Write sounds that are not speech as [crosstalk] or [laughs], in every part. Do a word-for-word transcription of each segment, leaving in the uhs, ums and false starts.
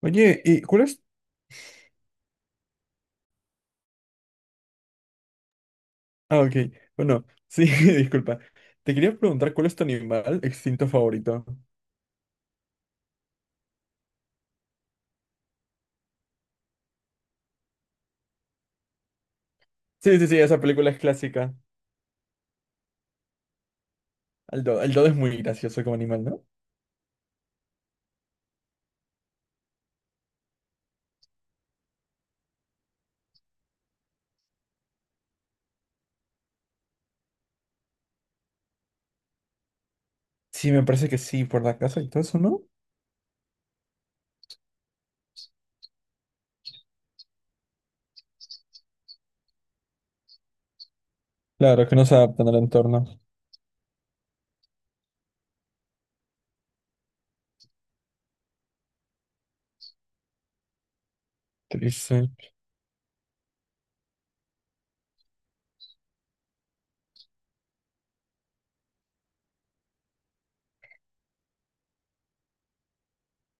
Oye, ¿y cuál es? Ah, ok. Bueno, sí, [laughs] disculpa. Te quería preguntar cuál es tu animal extinto favorito. Sí, sí, sí, esa película es clásica. El do, el dodo es muy gracioso como animal, ¿no? Sí, me parece que sí, por la casa y todo eso, ¿no? Claro, que no se adaptan al entorno. Triste.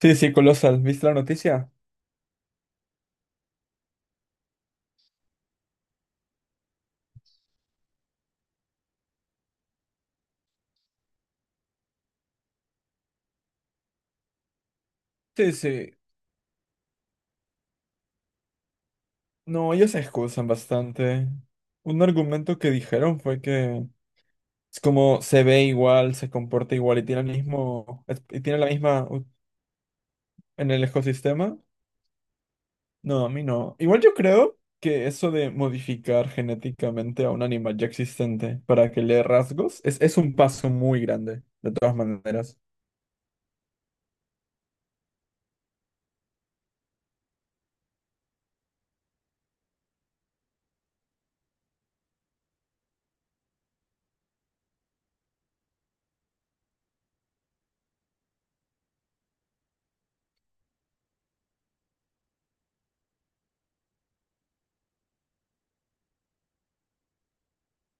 Sí, sí, colosal. ¿Viste la noticia? Sí, sí. No, ellos se excusan bastante. Un argumento que dijeron fue que es como se ve igual, se comporta igual y tiene el mismo, es- y tiene la misma u- en el ecosistema. No, a mí no. Igual yo creo que eso de modificar genéticamente a un animal ya existente para que le dé rasgos es, es un paso muy grande, de todas maneras.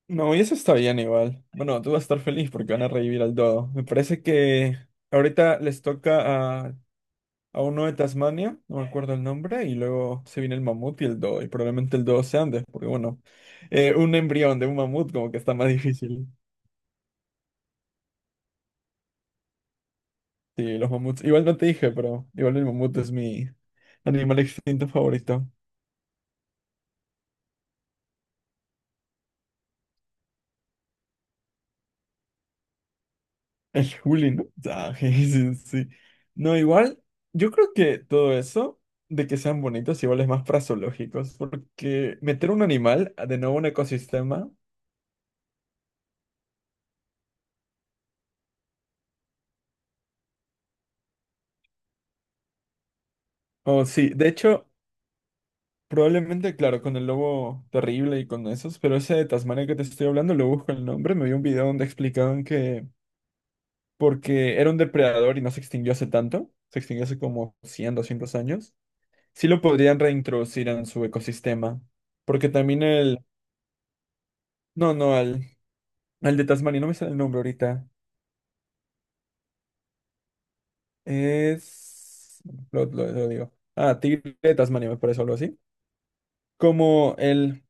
No, y eso está bien igual. Bueno, tú vas a estar feliz porque van a revivir al dodo. Me parece que ahorita les toca a, a uno de Tasmania, no me acuerdo el nombre, y luego se viene el mamut y el dodo, y probablemente el dodo sea antes, porque bueno, eh, un embrión de un mamut como que está más difícil. Sí, los mamuts. Igual no te dije, pero igual el mamut es mi animal extinto favorito. [laughs] El Juli, ¿no? Ah, [laughs] je, sí, sí. No, igual, yo creo que todo eso de que sean bonitos igual es más fraseológicos, porque meter un animal a de nuevo un ecosistema, o sí, de hecho, probablemente, claro, con el lobo terrible y con esos, pero ese de Tasmania que te estoy hablando, lo busco el nombre, me vi un video donde explicaban que porque era un depredador y no se extinguió hace tanto, se extinguió hace como cien, doscientos años. Sí lo podrían reintroducir en su ecosistema. Porque también el... No, no, al, al de Tasmania, no me sale el nombre ahorita. Es... Lo, lo- lo digo. Ah, tigre de Tasmania, me parece algo así. Como el...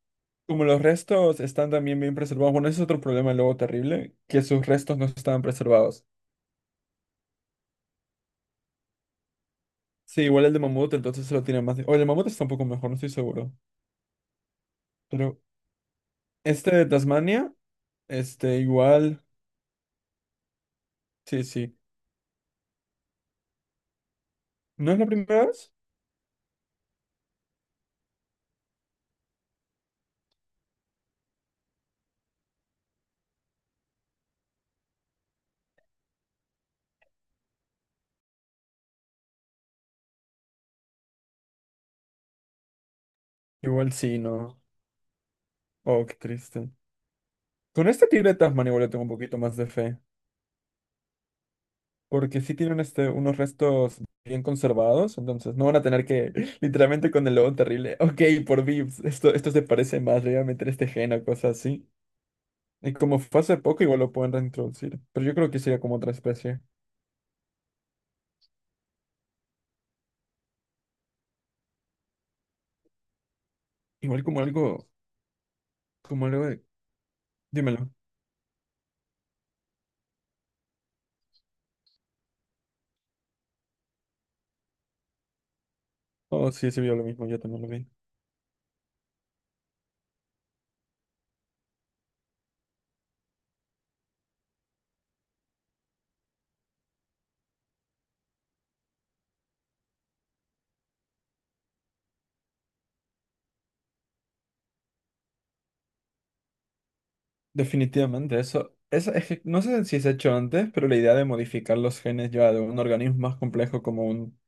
Como los restos están también bien preservados. Bueno, ese es otro problema luego terrible, que sus restos no estaban preservados. Sí, igual el de mamut, entonces se lo tiene más... de- O el de mamut está un poco mejor, no estoy seguro. Pero este de Tasmania, este igual... Sí, sí. ¿No es la primera vez? Igual sí, no. Oh, qué triste. Con este tigre de Tasmania igual le tengo un poquito más de fe. Porque sí tienen este, unos restos bien conservados, entonces no van a tener que, [laughs] literalmente con el lobo terrible, ok, por Vips, esto, esto se parece más, le voy a meter este gen o cosas así. Y como fue hace poco, igual lo pueden reintroducir. Pero yo creo que sería como otra especie. Igual como algo, como algo de... Dímelo. Oh, sí, sí vio lo mismo, yo también lo vi. Definitivamente, eso, eso es que no sé si se ha hecho antes, pero la idea de modificar los genes ya de un organismo más complejo como un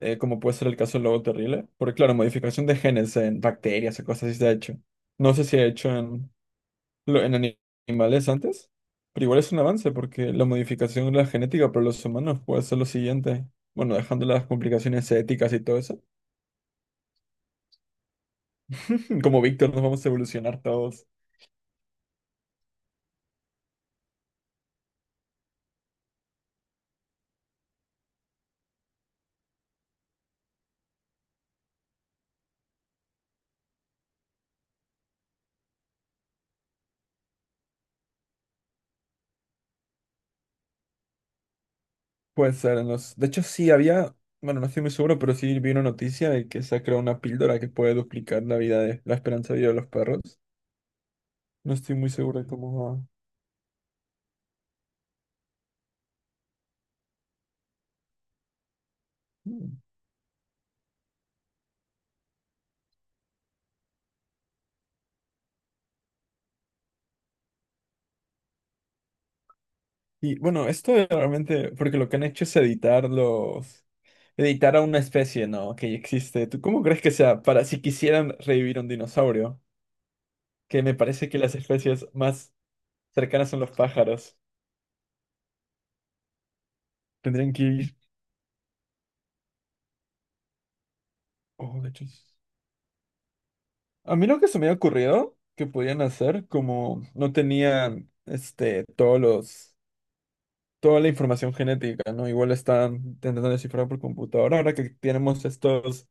eh, como puede ser el caso del lobo terrible. Porque, claro, modificación de genes en bacterias o cosas así se ha hecho. No sé si ha hecho en, lo- en ani- animales antes, pero igual es un avance porque la modificación de la genética para los humanos puede ser lo siguiente. Bueno, dejando las complicaciones éticas y todo eso. [laughs] Como Víctor, nos vamos a evolucionar todos. Puede ser en los... De hecho, sí había... Bueno, no estoy muy seguro, pero sí vi una noticia de que se ha creado una píldora que puede duplicar la vida de la esperanza de vida de los perros. No estoy muy seguro de cómo va. Y bueno, esto es realmente, porque lo que han hecho es editar los, editar a una especie, ¿no? Que ya existe. ¿Tú cómo crees que sea para si quisieran revivir un dinosaurio? Que me parece que las especies más cercanas son los pájaros. Tendrían que ir. Oh, de hecho. A mí lo que se me ha ocurrido que podían hacer, como no tenían, este, todos los, toda la información genética, ¿no? Igual están intentando descifrar por computadora. Ahora que tenemos estos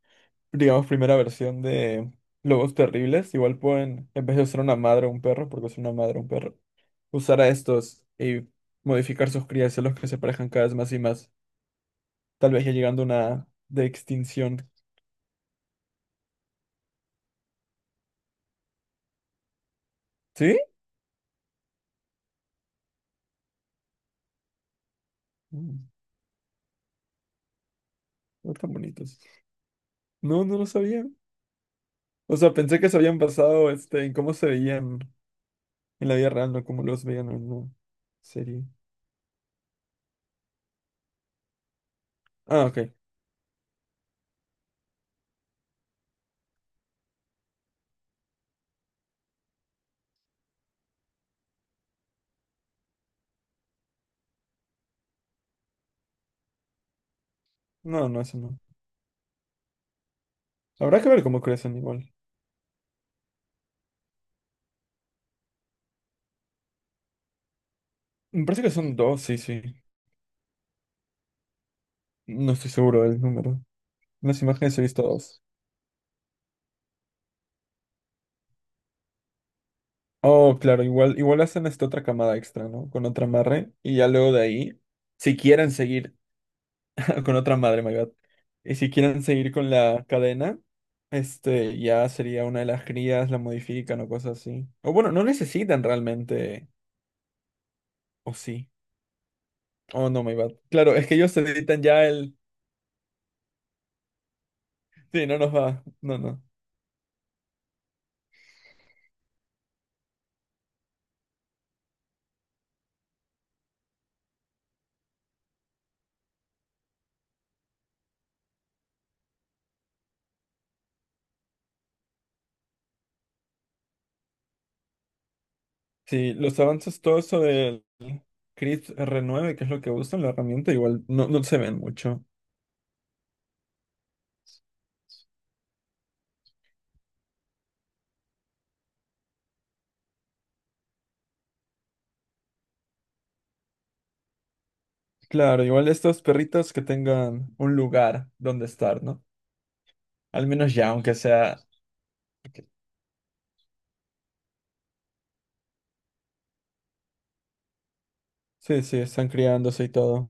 digamos, primera versión de Lobos Terribles. Igual pueden, en vez de usar una madre o un perro, porque es una madre o un perro, usar a estos y modificar sus crías, los que se parejan cada vez más y más. Tal vez ya llegando a una de extinción. ¿Sí? Mm, no tan bonitos. No, no lo sabía. O sea, pensé que se habían basado este, en cómo se veían en la vida real, no cómo los veían en una serie. Ah, ok. No, no, eso no. Habrá que ver cómo crecen igual. Me parece que son dos, sí, sí. No estoy seguro del número. Las imágenes he visto dos. Oh, claro, igual, igual hacen esta otra camada extra, ¿no? Con otra madre. Y ya luego de ahí, si quieren seguir [laughs] con otra madre, my God. Y si quieren seguir con la cadena, este ya sería una de las crías, la modifican o cosas así. O bueno, no necesitan realmente. O sí. Oh, no, my bad. Claro, es que ellos editan ya el. Sí, no nos va. No, no. Sí, los avances, todo eso del Crypt r nueve que es lo que usan, la herramienta, igual no, no se ven mucho. Claro, igual estos perritos que tengan un lugar donde estar, ¿no? Al menos ya, aunque sea... Sí, sí, están criándose y todo.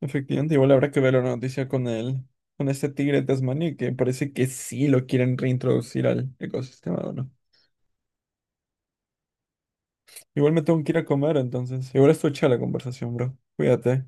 Efectivamente, igual habrá que ver la noticia con él, con este tigre tasmaní, que parece que sí lo quieren reintroducir al ecosistema, ¿o no? Igual me tengo que ir a comer, entonces. Igual esto echa la conversación, bro. Cuídate.